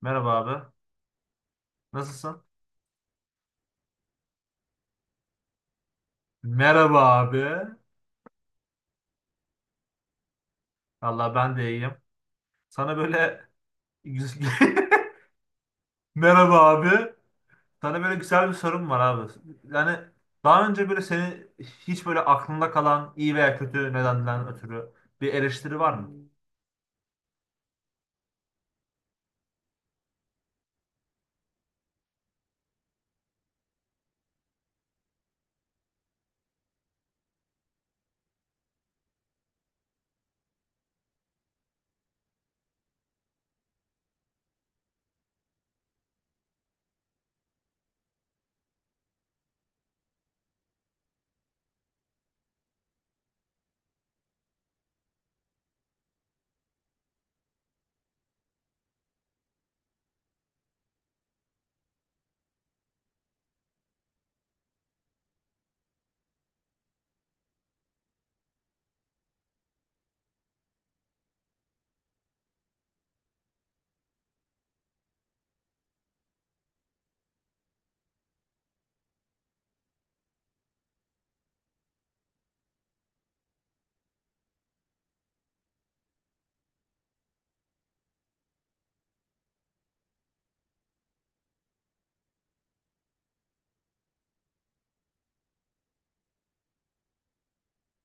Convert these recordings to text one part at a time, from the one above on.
Merhaba abi. Nasılsın? Merhaba abi. Allah ben de iyiyim. Sana böyle merhaba abi. Sana böyle güzel bir sorum var abi. Yani daha önce böyle seni hiç böyle aklında kalan iyi veya kötü nedenden ötürü bir eleştiri var mı?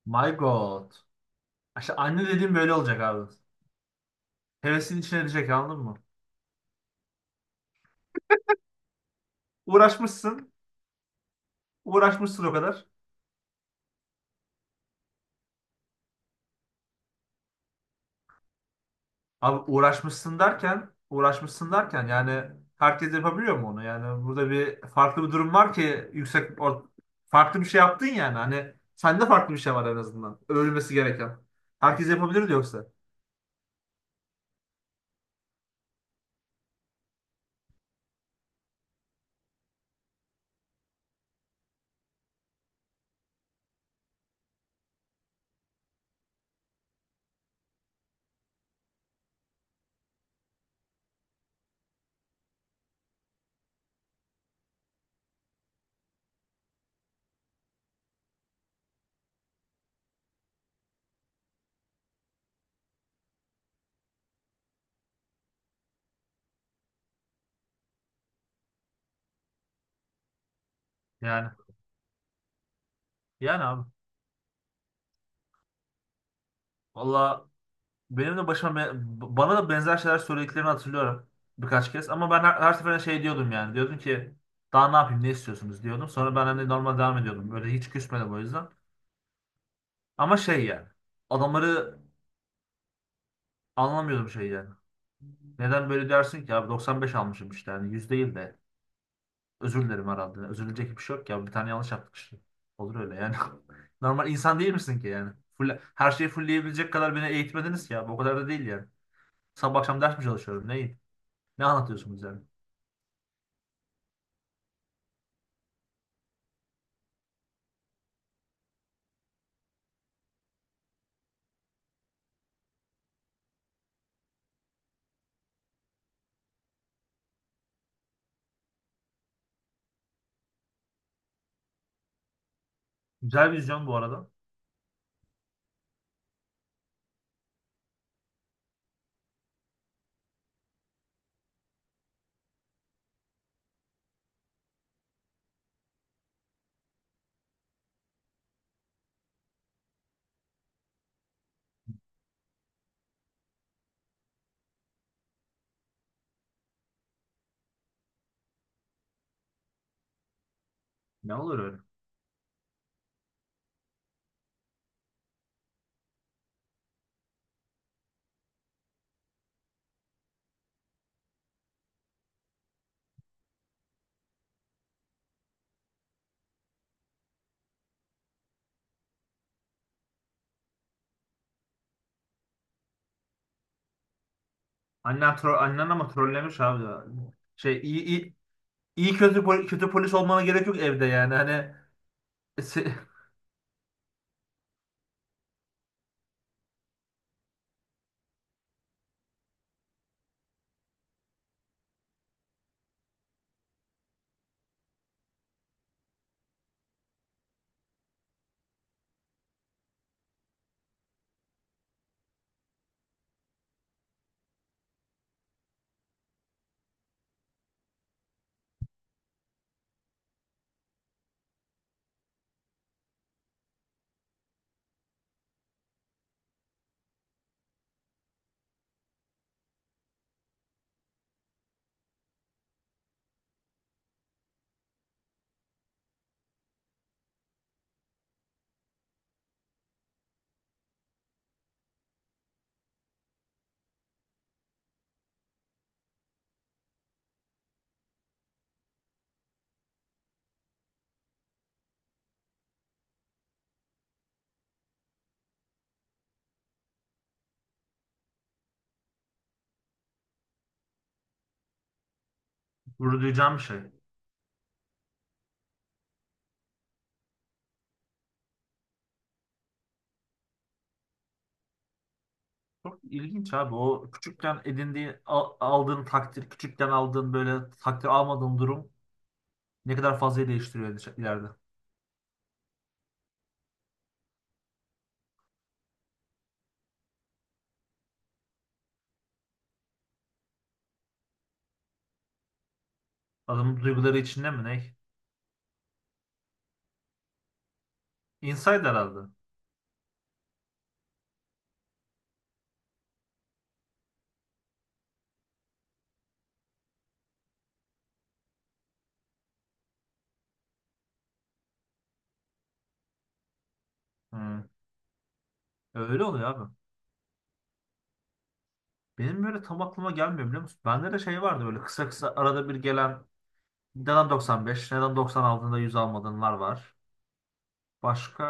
My God. İşte anne dediğim böyle olacak abi. Hevesin içine edecek anladın mı? Uğraşmışsın. Uğraşmışsın o kadar. Abi uğraşmışsın derken, uğraşmışsın derken, yani herkes yapabiliyor mu onu? Yani burada bir farklı bir durum var ki yüksek farklı bir şey yaptın yani. Hani sende farklı bir şey var, en azından övülmesi gereken. Herkes yapabilirdi yoksa. Yani. Yani abi. Valla benim de başıma bana da benzer şeyler söylediklerini hatırlıyorum birkaç kez. Ama ben her seferinde şey diyordum yani. Diyordum ki daha ne yapayım, ne istiyorsunuz diyordum. Sonra ben hani normal devam ediyordum. Böyle hiç küsmedim o yüzden. Ama şey yani. Adamları anlamıyordum şeyi yani. Neden böyle dersin ki abi, 95 almışım işte, yani 100 değil de özür dilerim herhalde. Özürülecek bir şey yok ya, bir tane yanlış yaptık işte. Olur öyle yani. Normal insan değil misin ki yani? Full, her şeyi fullleyebilecek kadar beni eğitmediniz ki abi, o kadar da değil yani. Sabah akşam ders mi çalışıyorum neyin? Ne anlatıyorsunuz yani? Güzel vizyon bu arada. Ne olur öyle. Annen, tro annen ama trollemiş abi, ya. Şey iyi, iyi, iyi kötü, kötü polis olmana gerek yok evde yani. Hani se- gurur duyacağım bir şey. Çok ilginç abi, o küçükken edindiğin aldığın takdir, küçükken aldığın böyle takdir almadığın durum ne kadar fazla değiştiriyor ileride. İleride. Adamın duyguları içinde mi ne? Inside herhalde. Hı. Öyle oluyor abi. Benim böyle tam aklıma gelmiyor, biliyor musun? Bende de şey vardı, böyle kısa kısa arada bir gelen neden 95, neden 90 aldığında 100 almadığınlar var. Başka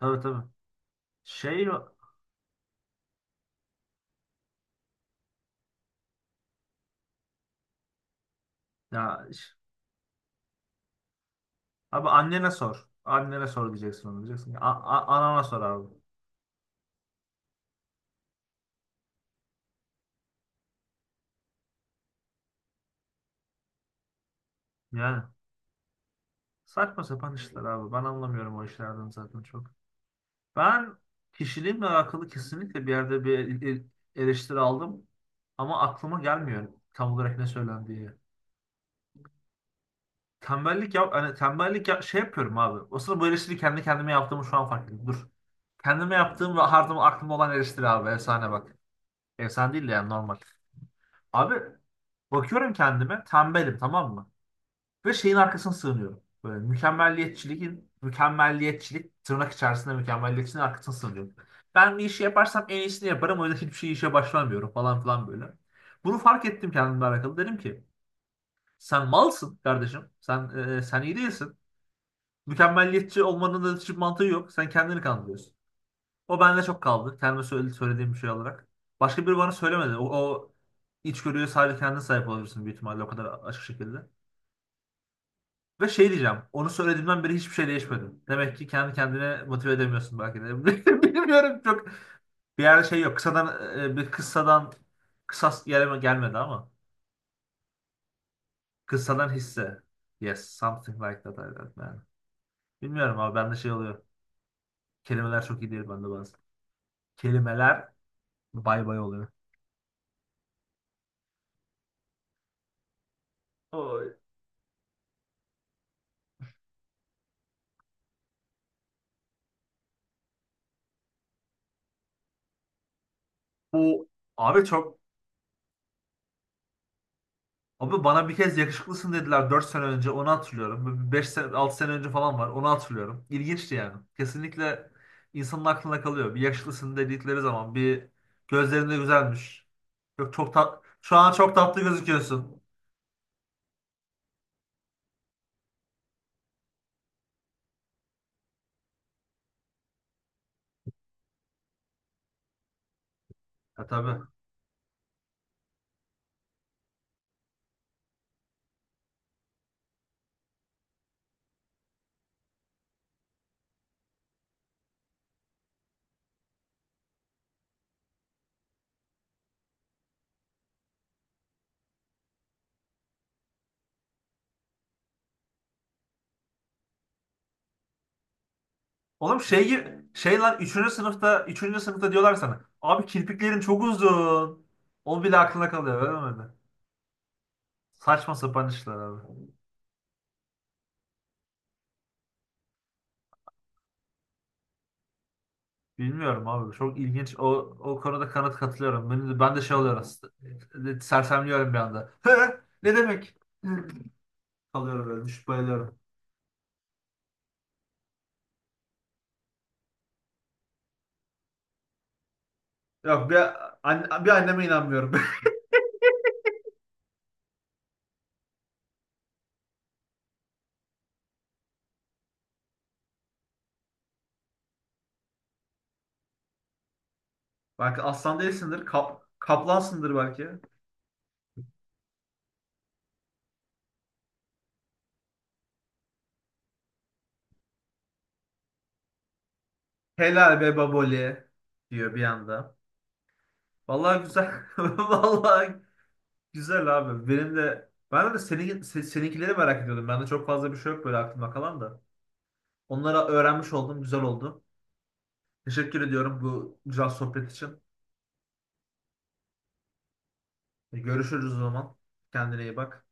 tabii, tabii. Şey ya ş- abi annene sor. Annene sor diyeceksin, onu diyeceksin. Anana sor abi. Yani. Saçma sapan işler abi. Ben anlamıyorum o işlerden zaten çok. Ben kişiliğimle alakalı kesinlikle bir yerde bir eleştiri aldım. Ama aklıma gelmiyor tam olarak ne söylendiği. Tembellik yap, hani şey yapıyorum abi. Aslında bu eleştiri kendi kendime yaptığımı şu an fark ettim. Dur. Kendime yaptığım ve hardım, aklımda olan eleştiri abi. Efsane bak. Efsane değil de yani normal. Abi bakıyorum kendime, tembelim tamam mı? Ve şeyin arkasına sığınıyorum. Böyle mükemmelliyetçiliğin, mükemmelliyetçilik tırnak içerisinde mükemmelliyetçiliğin arkasına sığınıyorum. Ben bir işi yaparsam en iyisini yaparım, o yüzden hiçbir şey işe başlamıyorum falan filan böyle. Bunu fark ettim kendimle alakalı. Dedim ki sen malsın kardeşim. Sen sen iyi değilsin. Mükemmelliyetçi olmanın da hiçbir mantığı yok. Sen kendini kandırıyorsun. O bende çok kaldı. Kendime söylediğim bir şey olarak. Başka biri bana söylemedi. O içgörüye sadece kendin sahip olabilirsin büyük ihtimalle, o kadar açık şekilde. Ve şey diyeceğim. Onu söylediğimden beri hiçbir şey değişmedim. Demek ki kendi kendine motive edemiyorsun belki de. Bilmiyorum çok. Bir yerde şey yok. Kısadan bir kıssadan kısas yerime gelmedi ama. Kıssadan hisse. Yes. Something like that. I don't know. Bilmiyorum abi, bende şey oluyor. Kelimeler çok iyi değil bende bazen. Kelimeler bay bay oluyor. Oy. Bu abi çok. Abi bana bir kez yakışıklısın dediler 4 sene önce, onu hatırlıyorum. 5 sene 6 sene önce falan var, onu hatırlıyorum. İlginçti yani. Kesinlikle insanın aklına kalıyor. Bir yakışıklısın dedikleri zaman, bir gözlerinde güzelmiş. Yok çok tat, şu an çok tatlı gözüküyorsun. Ya tabii. Oğlum şey gibi şey lan 3. sınıfta, üçüncü sınıfta diyorlar sana. Abi kirpiklerin çok uzun. O bile aklına kalıyor öyle mi? Saçma sapan işler abi. Bilmiyorum abi. Çok ilginç. O, o konuda kanıt katılıyorum. Ben de şey oluyorum. Sersemliyorum bir anda. Hı. Ne demek? Hı. Kalıyorum böyle. Düşüp bayılıyorum. Yok bir, an bir anneme inanmıyorum. Belki aslan değilsindir. Kap, kaplansındır belki. Helal be baboli diyor bir anda. Vallahi güzel. Vallahi güzel abi. Ben de senin, seninkileri merak ediyordum. Bende çok fazla bir şey yok böyle aklımda kalan da. Onlara öğrenmiş oldum. Güzel oldu. Teşekkür ediyorum bu güzel sohbet için. Görüşürüz o zaman. Kendine iyi bak.